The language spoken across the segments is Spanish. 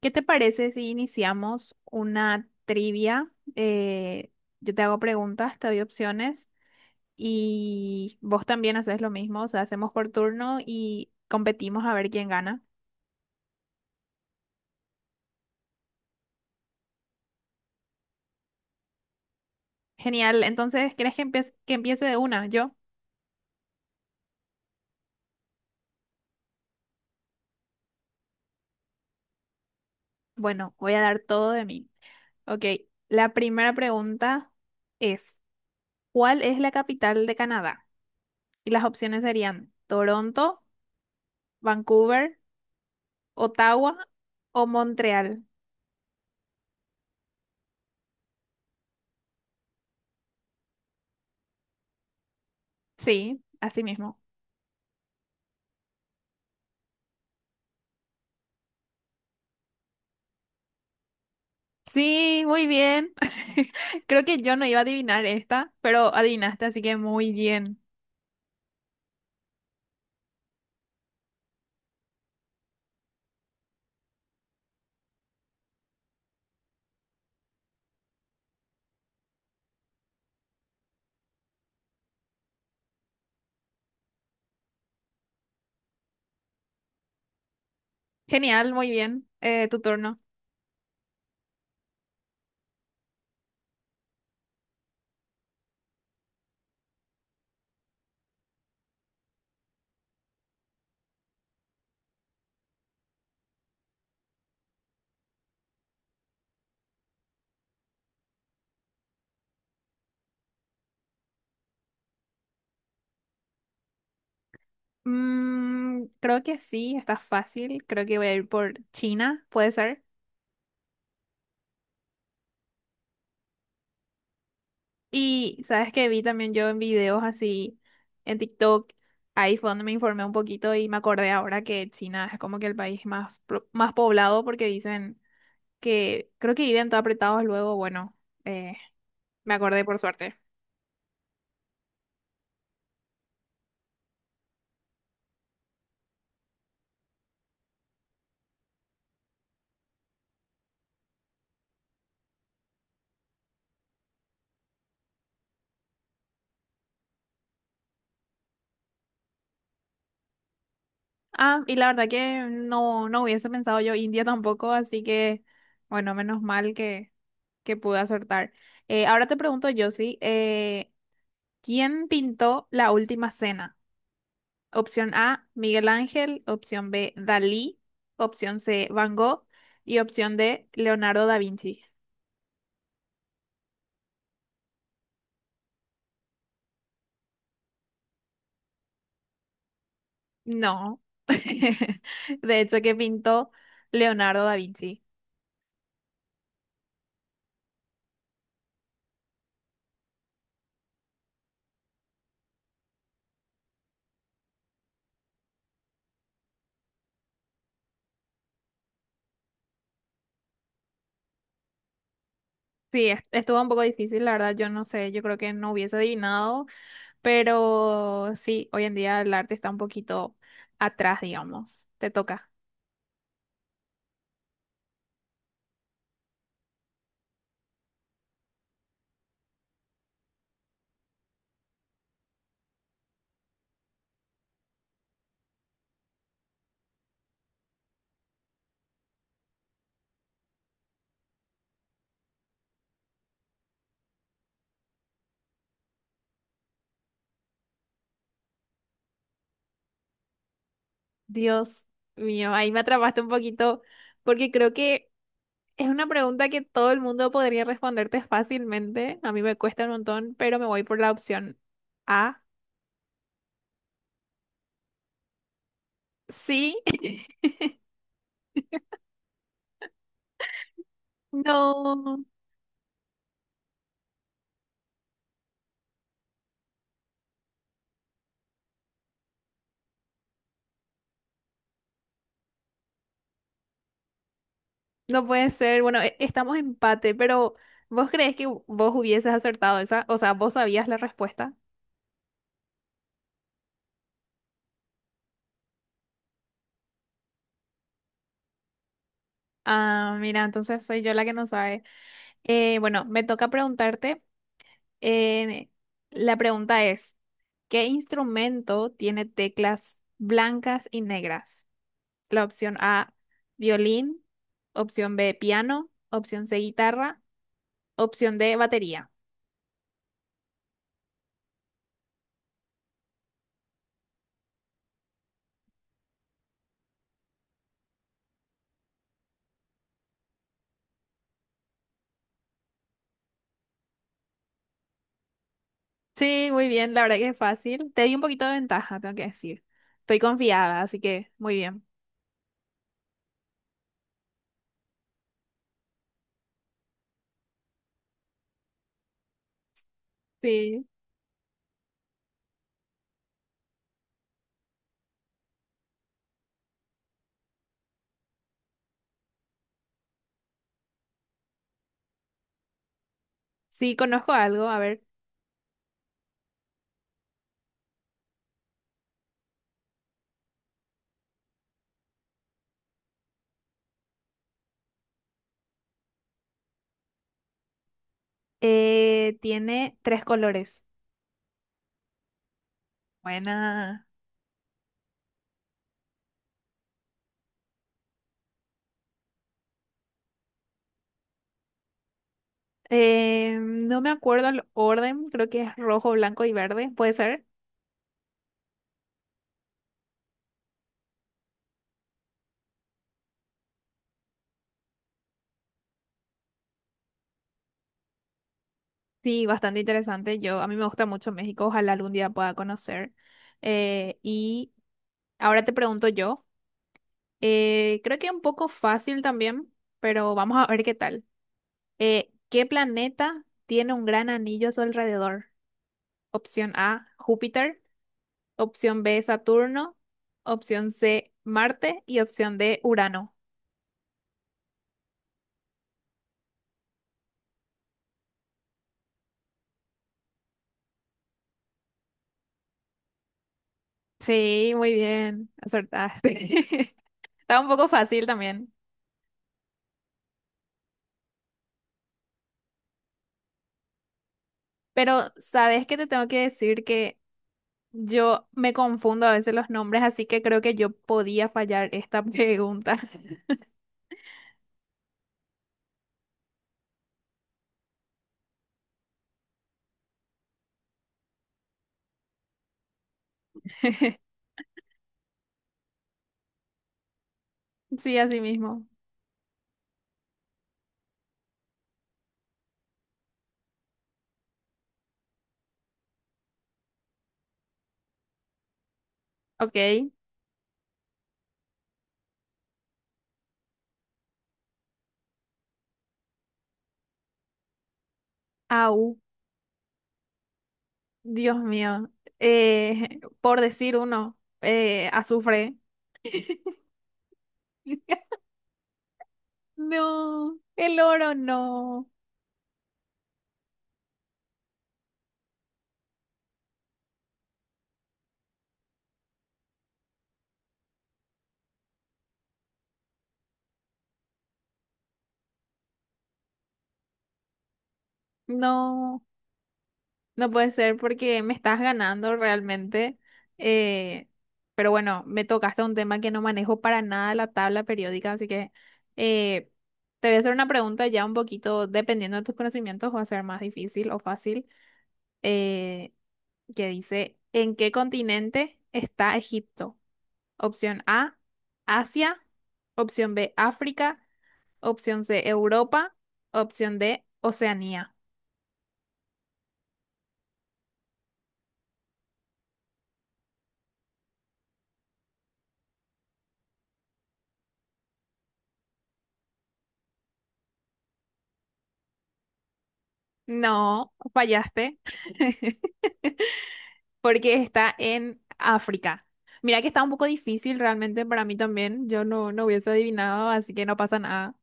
¿Qué te parece si iniciamos una trivia? Eh, yo te hago preguntas, te doy opciones y vos también haces lo mismo, o sea, hacemos por turno y competimos a ver quién gana. Genial, entonces, ¿quieres que empiece de una? Yo, bueno, voy a dar todo de mí. Ok, la primera pregunta es, ¿cuál es la capital de Canadá? Y las opciones serían Toronto, Vancouver, Ottawa o Montreal. Sí, así mismo. Sí, muy bien. Creo que yo no iba a adivinar esta, pero adivinaste, así que muy bien. Genial, muy bien. Tu turno. Mm, creo que sí, está fácil. Creo que voy a ir por China, puede ser. Y sabes que vi también yo en videos así en TikTok, ahí fue donde me informé un poquito y me acordé ahora que China es como que el país más, más poblado porque dicen que creo que viven todos apretados luego. Bueno, eh, me acordé por suerte. Ah, y la verdad que no, no hubiese pensado yo India tampoco, así que, bueno, menos mal que pude acertar. Ahora te pregunto yo, sí, ¿quién pintó la última cena? Opción A, Miguel Ángel, opción B, Dalí, opción C, Van Gogh y opción D, Leonardo da Vinci. No, de hecho que pintó Leonardo da Vinci. Sí, estuvo un poco difícil, la verdad, yo no sé, yo creo que no hubiese adivinado. Pero sí, hoy en día el arte está un poquito atrás, digamos. Te toca. Dios mío, ahí me atrapaste un poquito porque creo que es una pregunta que todo el mundo podría responderte fácilmente. A mí me cuesta un montón, pero me voy por la opción A. Sí, no, no puede ser. Bueno, estamos empate, pero ¿vos crees que vos hubieses acertado esa? O sea, ¿vos sabías la respuesta? Ah, mira, entonces soy yo la que no sabe. Bueno, me toca preguntarte. Eh, la pregunta es, ¿qué instrumento tiene teclas blancas y negras? La opción A, violín, opción B, piano, opción C, guitarra, opción D, batería. Sí, muy bien, la verdad que es fácil. Te di un poquito de ventaja, tengo que decir. Estoy confiada, así que muy bien. Sí, sí, conozco algo, a ver. Tiene 3 colores. Buena. No me acuerdo el orden, creo que es rojo, blanco y verde, ¿puede ser? Sí, bastante interesante. Yo, a mí me gusta mucho México, ojalá algún día pueda conocer. Y ahora te pregunto yo, creo que un poco fácil también, pero vamos a ver qué tal. ¿Qué planeta tiene un gran anillo a su alrededor? Opción A, Júpiter, opción B, Saturno, opción C, Marte y opción D, Urano. Sí, muy bien, acertaste. Estaba un poco fácil también. Pero sabes que te tengo que decir que yo me confundo a veces los nombres, así que creo que yo podía fallar esta pregunta. Sí, así mismo. Ok. Au, Dios mío. Por decir uno, azufre. No, el oro no. No. No puede ser porque me estás ganando realmente. eh, pero bueno, me tocaste un tema que no manejo para nada la tabla periódica, así que eh, te voy a hacer una pregunta ya un poquito, dependiendo de tus conocimientos, va a ser más difícil o fácil, eh, que dice, ¿en qué continente está Egipto? Opción A, Asia. Opción B, África. Opción C, Europa. Opción D, Oceanía. No, fallaste. Porque está en África. Mira que está un poco difícil realmente para mí también. Yo no, no hubiese adivinado, así que no pasa nada.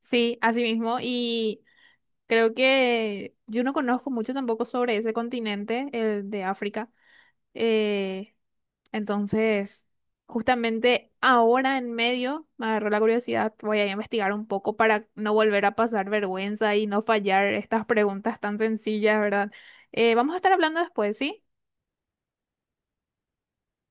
Sí, así mismo. Y creo que yo no conozco mucho tampoco sobre ese continente, el de África. Eh, entonces, justamente ahora en medio me agarró la curiosidad. Voy a investigar un poco para no volver a pasar vergüenza y no fallar estas preguntas tan sencillas, ¿verdad? Vamos a estar hablando después, ¿sí?